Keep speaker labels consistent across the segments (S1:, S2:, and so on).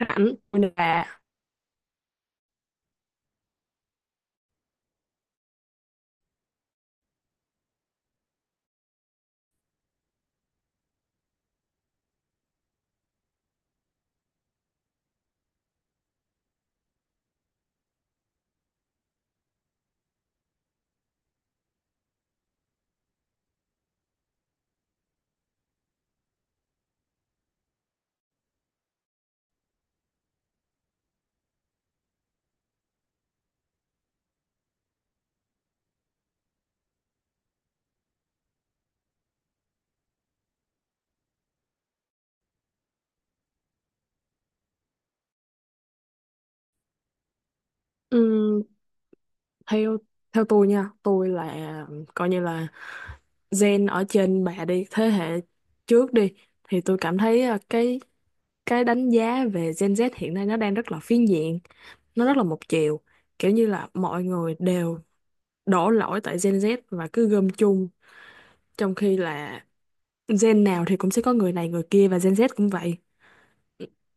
S1: Ảnh là ừm, theo theo tôi nha, tôi là coi như là gen ở trên bà đi, thế hệ trước đi, thì tôi cảm thấy cái đánh giá về Gen Z hiện nay nó đang rất là phiến diện, nó rất là một chiều, kiểu như là mọi người đều đổ lỗi tại Gen Z và cứ gom chung, trong khi là gen nào thì cũng sẽ có người này người kia, và Gen Z cũng vậy.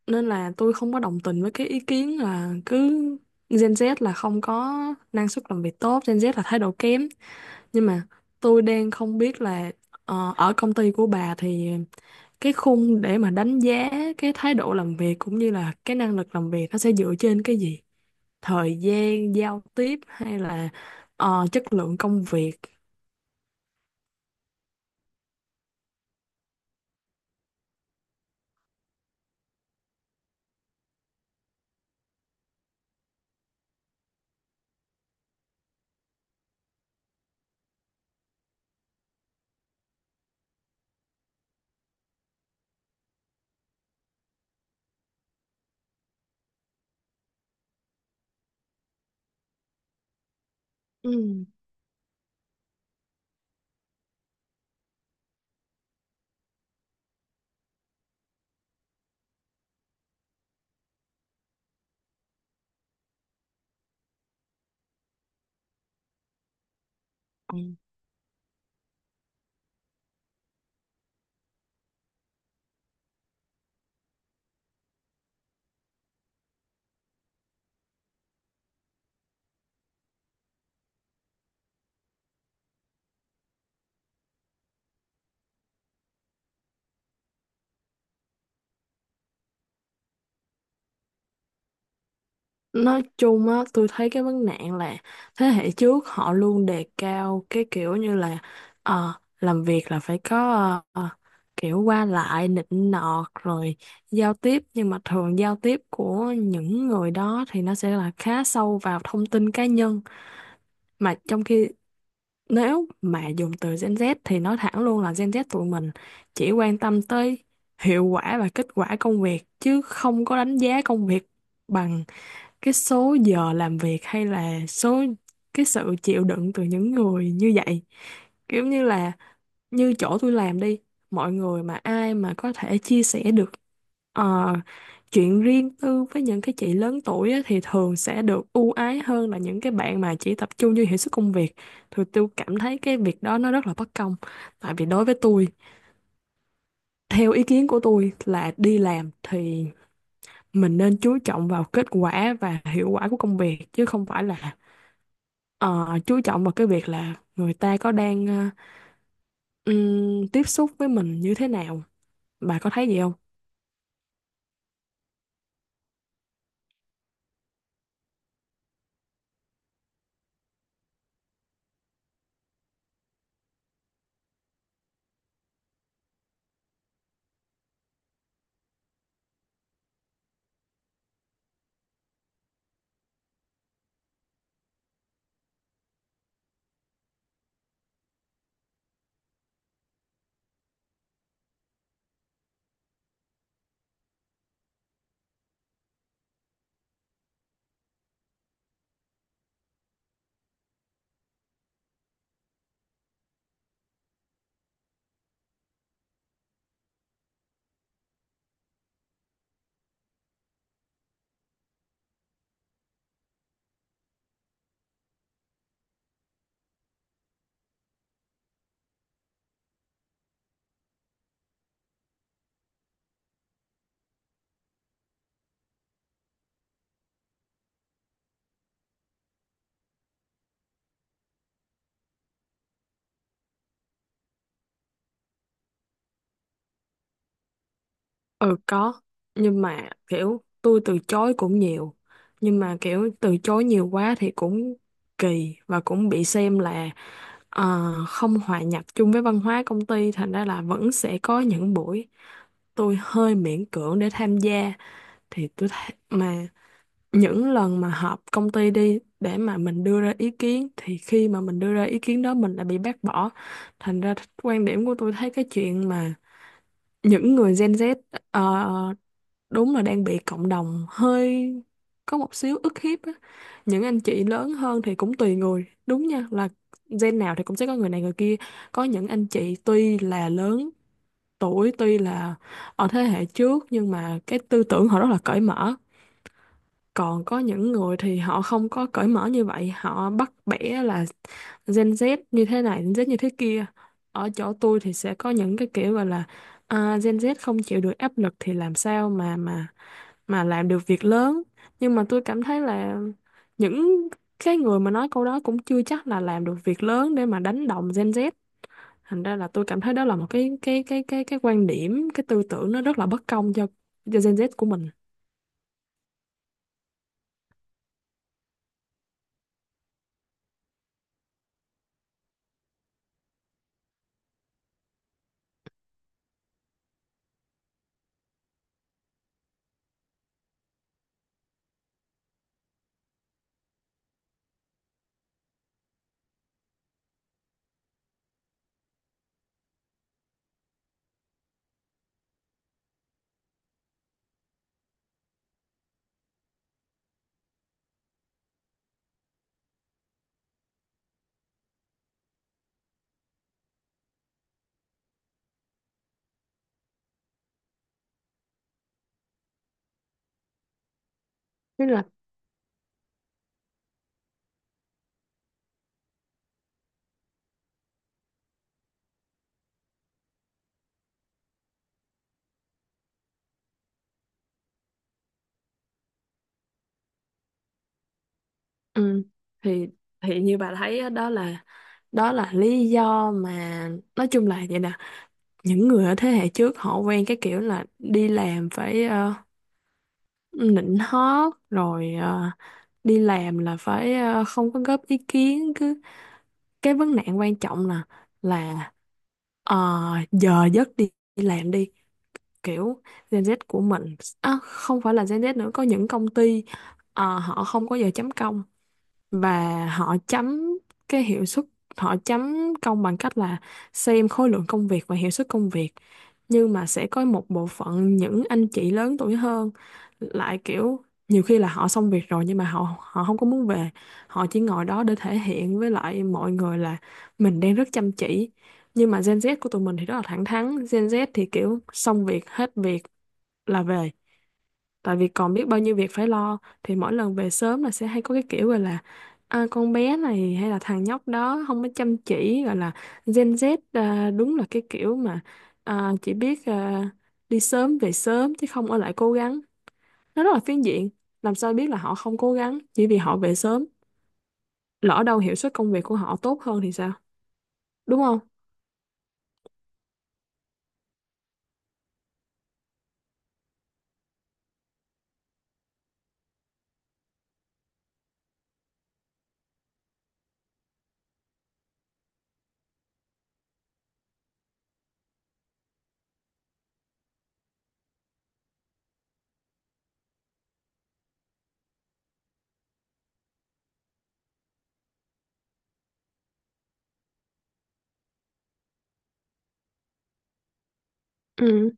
S1: Nên là tôi không có đồng tình với cái ý kiến là cứ Gen Z là không có năng suất làm việc tốt, Gen Z là thái độ kém. Nhưng mà tôi đang không biết là ở công ty của bà thì cái khung để mà đánh giá cái thái độ làm việc cũng như là cái năng lực làm việc nó sẽ dựa trên cái gì? Thời gian giao tiếp hay là chất lượng công việc? Ừ. Nói chung á, tôi thấy cái vấn nạn là thế hệ trước họ luôn đề cao cái kiểu như là ờ, làm việc là phải có ờ, kiểu qua lại nịnh nọt, rồi giao tiếp, nhưng mà thường giao tiếp của những người đó thì nó sẽ là khá sâu vào thông tin cá nhân. Mà trong khi nếu mà dùng từ Gen Z thì nói thẳng luôn là Gen Z tụi mình chỉ quan tâm tới hiệu quả và kết quả công việc, chứ không có đánh giá công việc bằng cái số giờ làm việc hay là số cái sự chịu đựng từ những người như vậy. Kiểu như là như chỗ tôi làm đi, mọi người mà ai mà có thể chia sẻ được ờ, chuyện riêng tư với những cái chị lớn tuổi á, thì thường sẽ được ưu ái hơn là những cái bạn mà chỉ tập trung vô hiệu suất công việc. Thì tôi cảm thấy cái việc đó nó rất là bất công, tại vì đối với tôi, theo ý kiến của tôi là đi làm thì mình nên chú trọng vào kết quả và hiệu quả của công việc, chứ không phải là ờ, chú trọng vào cái việc là người ta có đang tiếp xúc với mình như thế nào. Bà có thấy gì không? Ừ có, nhưng mà kiểu tôi từ chối cũng nhiều. Nhưng mà kiểu từ chối nhiều quá thì cũng kỳ và cũng bị xem là không hòa nhập chung với văn hóa công ty, thành ra là vẫn sẽ có những buổi tôi hơi miễn cưỡng để tham gia. Thì tôi thấy mà những lần mà họp công ty đi, để mà mình đưa ra ý kiến, thì khi mà mình đưa ra ý kiến đó mình lại bị bác bỏ. Thành ra quan điểm của tôi thấy cái chuyện mà những người Gen Z ờ, đúng là đang bị cộng đồng hơi có một xíu ức hiếp á. Những anh chị lớn hơn thì cũng tùy người đúng nha, là gen nào thì cũng sẽ có người này người kia. Có những anh chị tuy là lớn tuổi, tuy là ở thế hệ trước, nhưng mà cái tư tưởng họ rất là cởi mở. Còn có những người thì họ không có cởi mở như vậy, họ bắt bẻ là Gen Z như thế này, Gen Z như thế kia. Ở chỗ tôi thì sẽ có những cái kiểu gọi là à, Gen Z không chịu được áp lực thì làm sao mà mà làm được việc lớn. Nhưng mà tôi cảm thấy là những cái người mà nói câu đó cũng chưa chắc là làm được việc lớn để mà đánh đồng Gen Z. Thành ra là tôi cảm thấy đó là một cái quan điểm, cái tư tưởng nó rất là bất công cho Gen Z của mình. Nên là. Ừ. Thì như bà thấy á, đó là lý do mà, nói chung là vậy nè, những người ở thế hệ trước họ quen cái kiểu là đi làm phải nịnh hót, rồi đi làm là phải không có góp ý kiến, cứ cái vấn nạn quan trọng là là ờ, giờ giấc đi, đi làm đi, kiểu Gen Z của mình, à, không phải là Gen Z nữa, có những công ty họ không có giờ chấm công, và họ chấm cái hiệu suất, họ chấm công bằng cách là xem khối lượng công việc và hiệu suất công việc. Nhưng mà sẽ có một bộ phận những anh chị lớn tuổi hơn lại kiểu nhiều khi là họ xong việc rồi nhưng mà họ họ không có muốn về, họ chỉ ngồi đó để thể hiện với lại mọi người là mình đang rất chăm chỉ. Nhưng mà Gen Z của tụi mình thì rất là thẳng thắn, Gen Z thì kiểu xong việc hết việc là về, tại vì còn biết bao nhiêu việc phải lo. Thì mỗi lần về sớm là sẽ hay có cái kiểu gọi là à, con bé này hay là thằng nhóc đó không có chăm chỉ, gọi là Gen Z à, đúng là cái kiểu mà à, chỉ biết à, đi sớm về sớm chứ không ở lại cố gắng. Nó rất là phiến diện, làm sao biết là họ không cố gắng chỉ vì họ về sớm, lỡ đâu hiệu suất công việc của họ tốt hơn thì sao, đúng không? Ừ.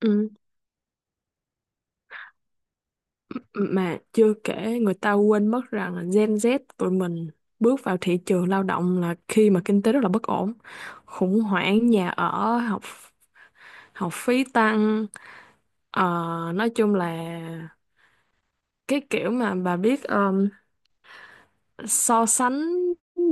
S1: Ừ. Mà chưa kể người ta quên mất rằng là Gen Z tụi mình bước vào thị trường lao động là khi mà kinh tế rất là bất ổn, khủng hoảng nhà ở, học học phí tăng. Ờ, nói chung là cái kiểu mà bà biết, so sánh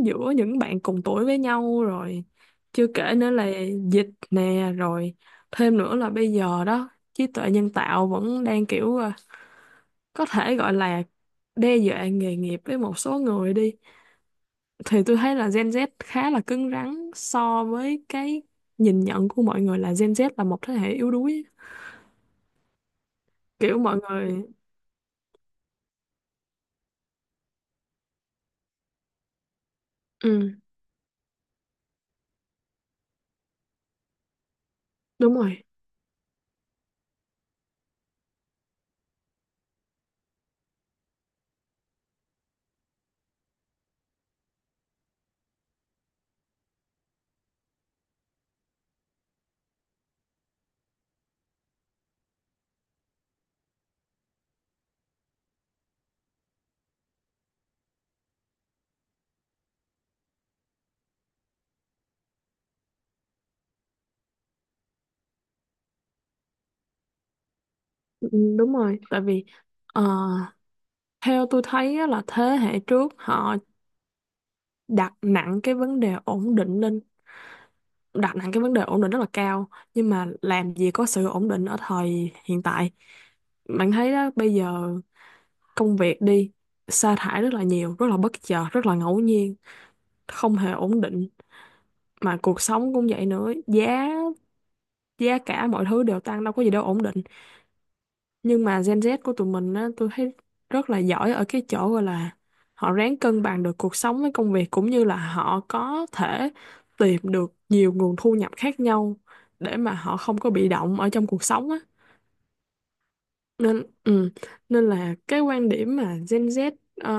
S1: giữa những bạn cùng tuổi với nhau rồi, chưa kể nữa là dịch nè, rồi thêm nữa là bây giờ đó trí tuệ nhân tạo vẫn đang kiểu có thể gọi là đe dọa nghề nghiệp với một số người đi. Thì tôi thấy là Gen Z khá là cứng rắn so với cái nhìn nhận của mọi người là Gen Z là một thế hệ yếu đuối. Kiểu mọi người. Ừ, đúng rồi. Ừ, đúng rồi, tại vì ờ, theo tôi thấy á là thế hệ trước họ đặt nặng cái vấn đề ổn định lên, đặt nặng cái vấn đề ổn định rất là cao. Nhưng mà làm gì có sự ổn định ở thời hiện tại, bạn thấy đó, bây giờ công việc đi, sa thải rất là nhiều, rất là bất chợt, rất là ngẫu nhiên, không hề ổn định. Mà cuộc sống cũng vậy nữa, giá giá cả mọi thứ đều tăng, đâu có gì đâu ổn định. Nhưng mà Gen Z của tụi mình á, tôi thấy rất là giỏi ở cái chỗ gọi là họ ráng cân bằng được cuộc sống với công việc, cũng như là họ có thể tìm được nhiều nguồn thu nhập khác nhau để mà họ không có bị động ở trong cuộc sống á. nên ừ, nên là cái quan điểm mà Gen Z ờ,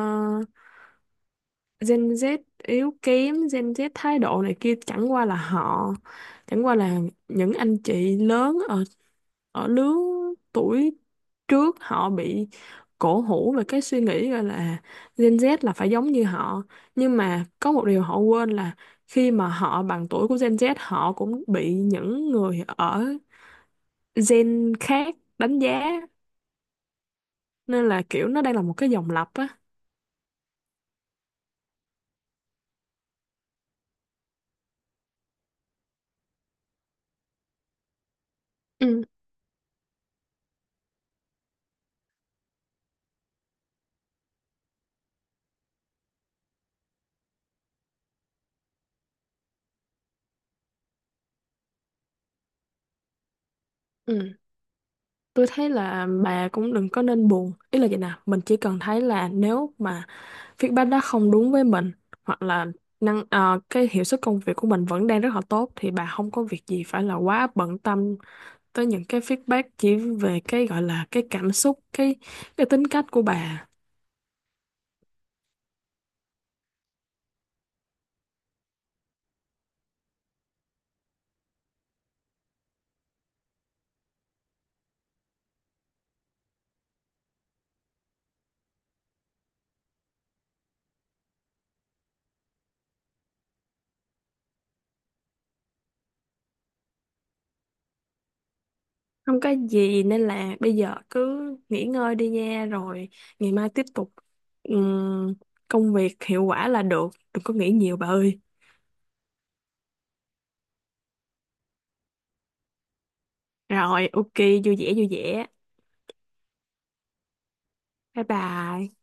S1: Gen Z yếu kém, Gen Z thái độ này kia, chẳng qua là họ, chẳng qua là những anh chị lớn ở ở lứa tuổi trước họ bị cổ hủ về cái suy nghĩ, gọi là Gen Z là phải giống như họ. Nhưng mà có một điều họ quên là khi mà họ bằng tuổi của Gen Z, họ cũng bị những người ở gen khác đánh giá, nên là kiểu nó đang là một cái dòng lặp á. Ừ. Ừ. Tôi thấy là bà cũng đừng có nên buồn. Ý là vậy nè, mình chỉ cần thấy là nếu mà feedback đó không đúng với mình, hoặc là năng cái hiệu suất công việc của mình vẫn đang rất là tốt, thì bà không có việc gì phải là quá bận tâm tới những cái feedback chỉ về cái gọi là cái cảm xúc, cái tính cách của bà. Không có gì, nên là bây giờ cứ nghỉ ngơi đi nha, rồi ngày mai tiếp tục ừm, công việc hiệu quả là được. Đừng có nghĩ nhiều bà ơi. Rồi, ok, vui vẻ vui vẻ. Bye bye.